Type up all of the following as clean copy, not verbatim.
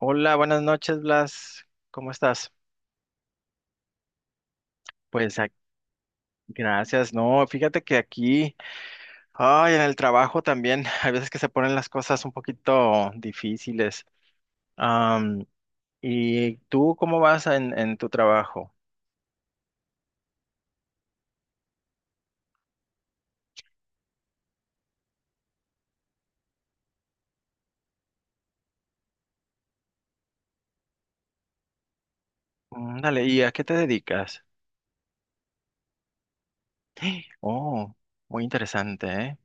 Hola, buenas noches, Blas. ¿Cómo estás? Pues gracias. No, fíjate que aquí, ay, en el trabajo también, hay veces que se ponen las cosas un poquito difíciles. Am, ¿Y tú cómo vas en tu trabajo? Mm. Dale, ¿y a qué te dedicas? Oh, muy interesante, ¿eh?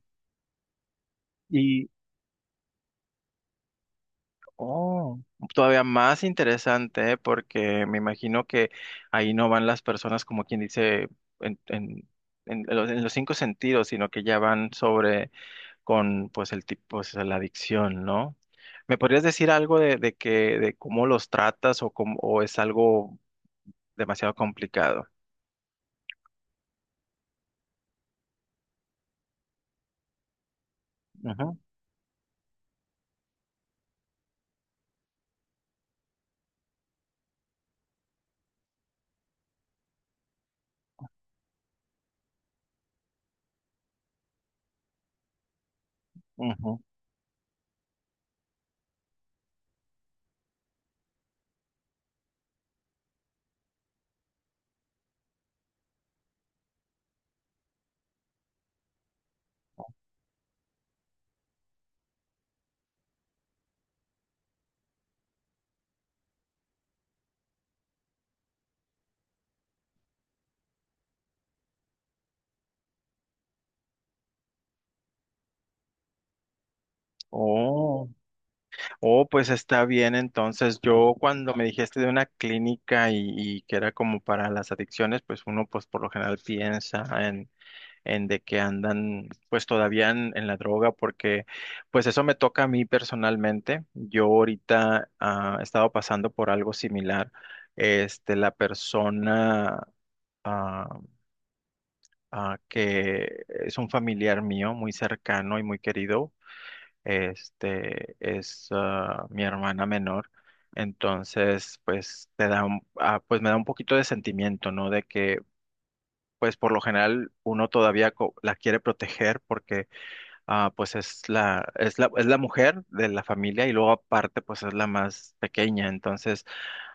Oh, todavía más interesante, ¿eh? Porque me imagino que ahí no van las personas como quien dice en, en, en los cinco sentidos, sino que ya van sobre con pues el tipo, pues, la adicción, ¿no? ¿Me podrías decir algo de cómo los tratas o es algo demasiado complicado? Ujú, ujú. Oh. Oh, pues está bien. Entonces, yo cuando me dijiste de una clínica y que era como para las adicciones, pues uno pues por lo general piensa en de que andan pues todavía en la droga, porque pues eso me toca a mí personalmente. Yo ahorita he estado pasando por algo similar. Este, la persona ah, que es un familiar mío muy cercano y muy querido, este es mi hermana menor. Entonces pues te da pues me da un poquito de sentimiento, ¿no? De que pues por lo general uno todavía la quiere proteger, porque pues es la mujer de la familia y luego aparte pues es la más pequeña. Entonces,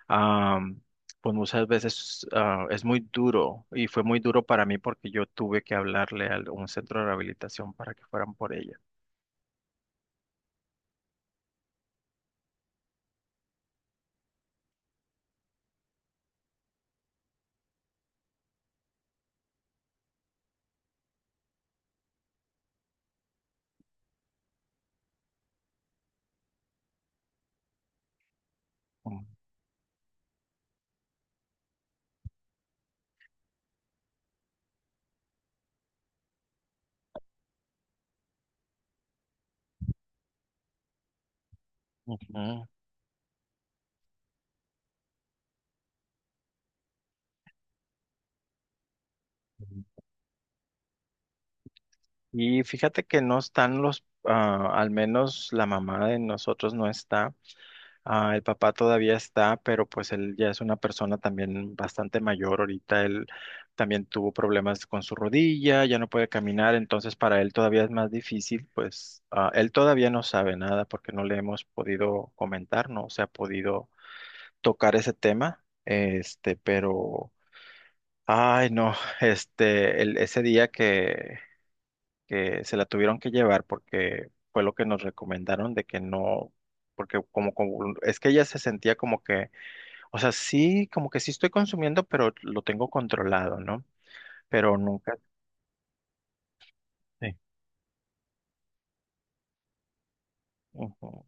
am, pues muchas veces, es muy duro y fue muy duro para mí porque yo tuve que hablarle a un centro de rehabilitación para que fueran por ella. Mm, ujú. Y fíjate que no están al menos la mamá de nosotros no está. El papá todavía está, pero pues él ya es una persona también bastante mayor ahorita. Él también tuvo problemas con su rodilla, ya no puede caminar, entonces para él todavía es más difícil. Pues él todavía no sabe nada porque no le hemos podido comentar, no se ha podido tocar ese tema, este, pero. Ay, no, este, ese día que se la tuvieron que llevar porque fue lo que nos recomendaron de que no, porque como es que ella se sentía como que, o sea, sí, como que sí estoy consumiendo, pero lo tengo controlado, ¿no? Pero nunca. Sí. Ujú.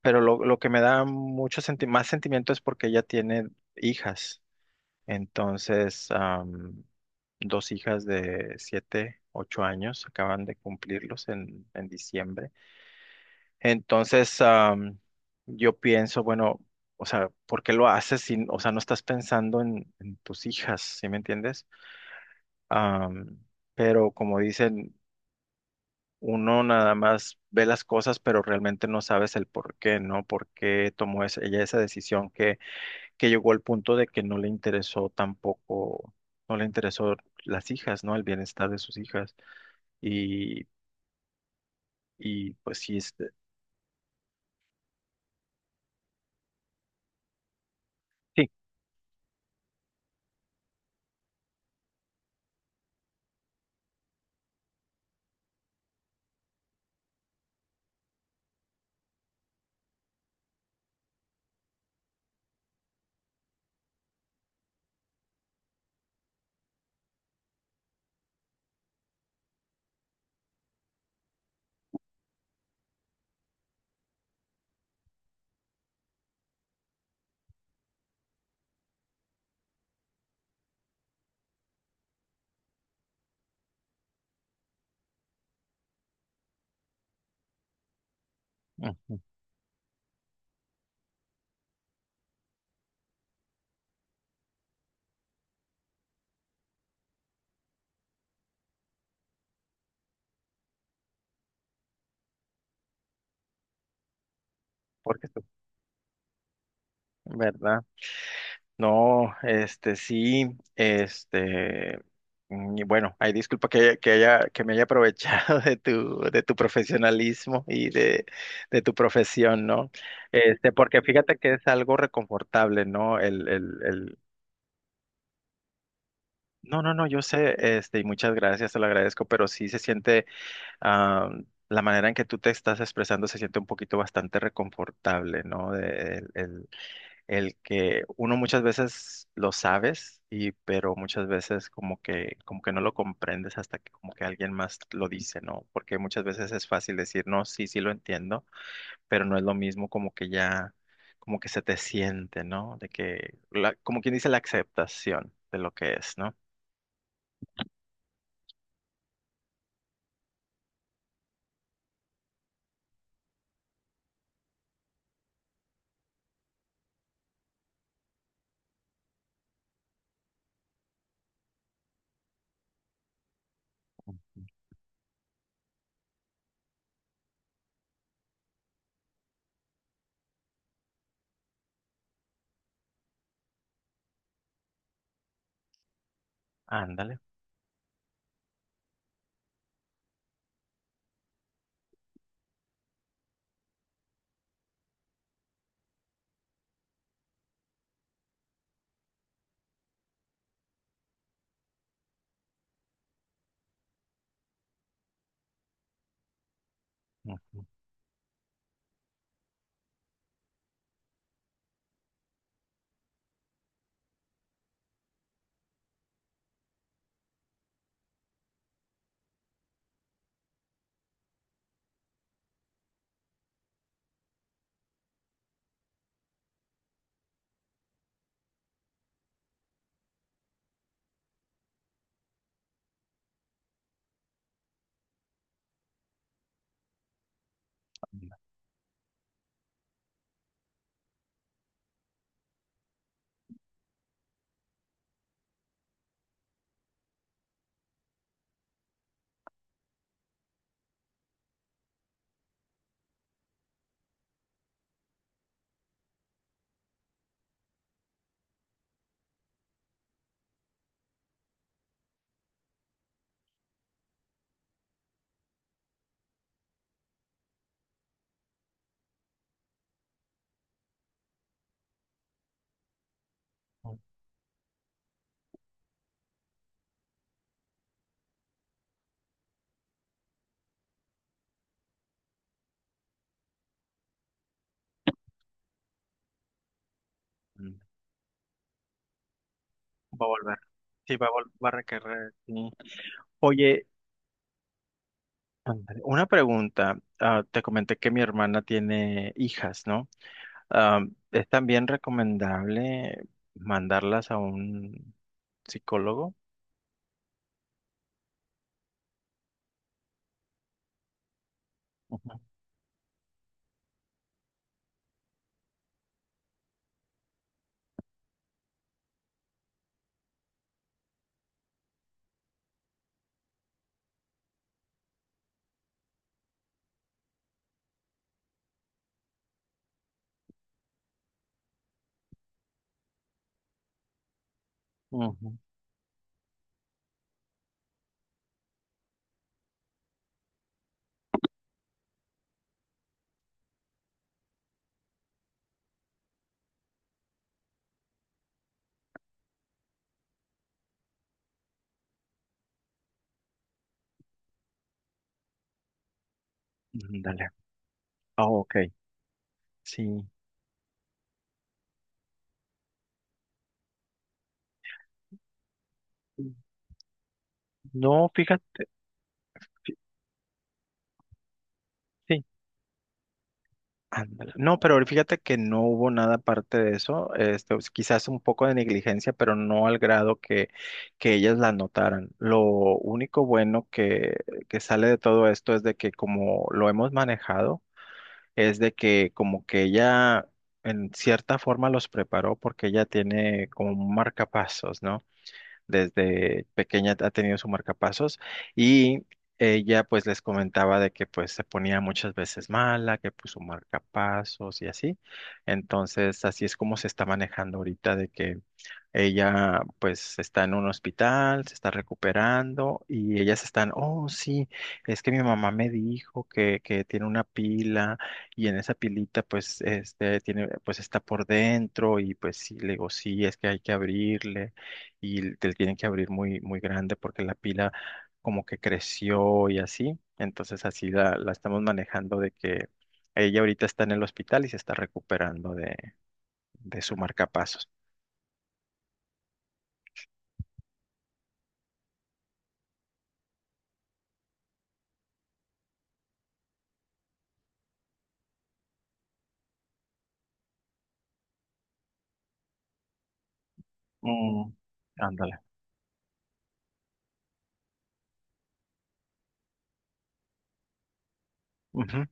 Pero lo que me da mucho más sentimiento es porque ella tiene hijas. Entonces, dos hijas de 7, 8 años, acaban de cumplirlos en diciembre. Entonces, yo pienso, bueno, o sea, ¿por qué lo haces si, o sea, no estás pensando en tus hijas? ¿Sí me entiendes? Am, pero como dicen, uno nada más ve las cosas, pero realmente no sabes el por qué, ¿no? ¿Por qué tomó ella esa decisión que llegó al punto de que no le interesó tampoco, no le interesó las hijas, ¿no? El bienestar de sus hijas. Y, y pues sí, este, sí, ujú, porque, sí, ¿verdad? No, este sí, este y bueno, hay disculpa que haya, que me haya aprovechado de tu profesionalismo y de tu profesión, ¿no? Este, porque fíjate que es algo reconfortable, ¿no? El. No, no, no, yo sé, este, y muchas gracias, te lo agradezco, pero sí se siente, ah, la manera en que tú te estás expresando se siente un poquito bastante reconfortable, ¿no? El que uno muchas veces lo sabes, y pero muchas veces como que no lo comprendes, hasta que como que alguien más lo dice, ¿no? Porque muchas veces es fácil decir: "No, sí, sí lo entiendo", pero no es lo mismo como que ya, como que se te siente, ¿no? De que como quien dice, la aceptación de lo que es, ¿no? Ándale. Ujú, anda, ujú, anda. Va a volver. Sí, va a requerir. Sí. Oye, ándale, una pregunta. Te comenté que mi hermana tiene hijas, ¿no? Ah, es también recomendable mandarlas a un psicólogo. Ujú, ujú, ujú, dale. Ah, ok. Sí. No, fíjate. fí- Sí. Ándale. No, pero fíjate que no hubo nada aparte de eso. Este, pues, quizás un poco de negligencia, pero no al grado que ellas la notaran. Lo único bueno que sale de todo esto es de que, como lo hemos manejado, es de que como que ella en cierta forma los preparó, porque ella tiene como un marcapasos, ¿no? Desde pequeña ha tenido su marcapasos, y ella pues les comentaba de que pues se ponía muchas veces mala, que puso marcapasos y así. Entonces así es como se está manejando ahorita, de que ella pues está en un hospital, se está recuperando, y ellas están. Oh, sí, es que mi mamá me dijo que tiene una pila, y en esa pilita pues este tiene, pues está por dentro, y pues sí, le digo, sí, es que hay que abrirle, y te tienen que abrir muy, muy grande porque la pila como que creció y así. Entonces así la estamos manejando de que ella ahorita está en el hospital y se está recuperando de su marcapasos. Mm, ándale. Ujú,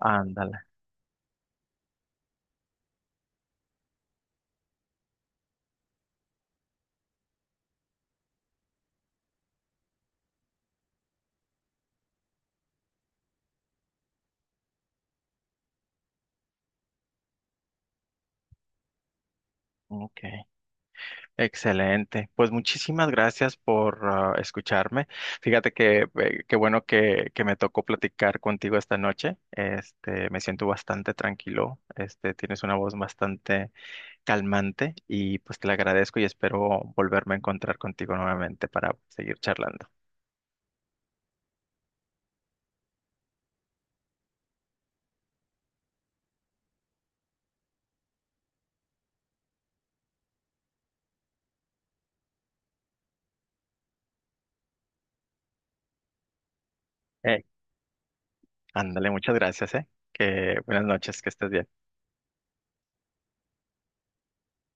ándale. Ok. Excelente. Pues muchísimas gracias por, escucharme. Fíjate que, qué bueno que me tocó platicar contigo esta noche. Este, me siento bastante tranquilo. Este, tienes una voz bastante calmante, y pues te lo agradezco y espero volverme a encontrar contigo nuevamente para seguir charlando. Eh, ándale, muchas gracias, ¿eh? Que buenas noches, que estés bien.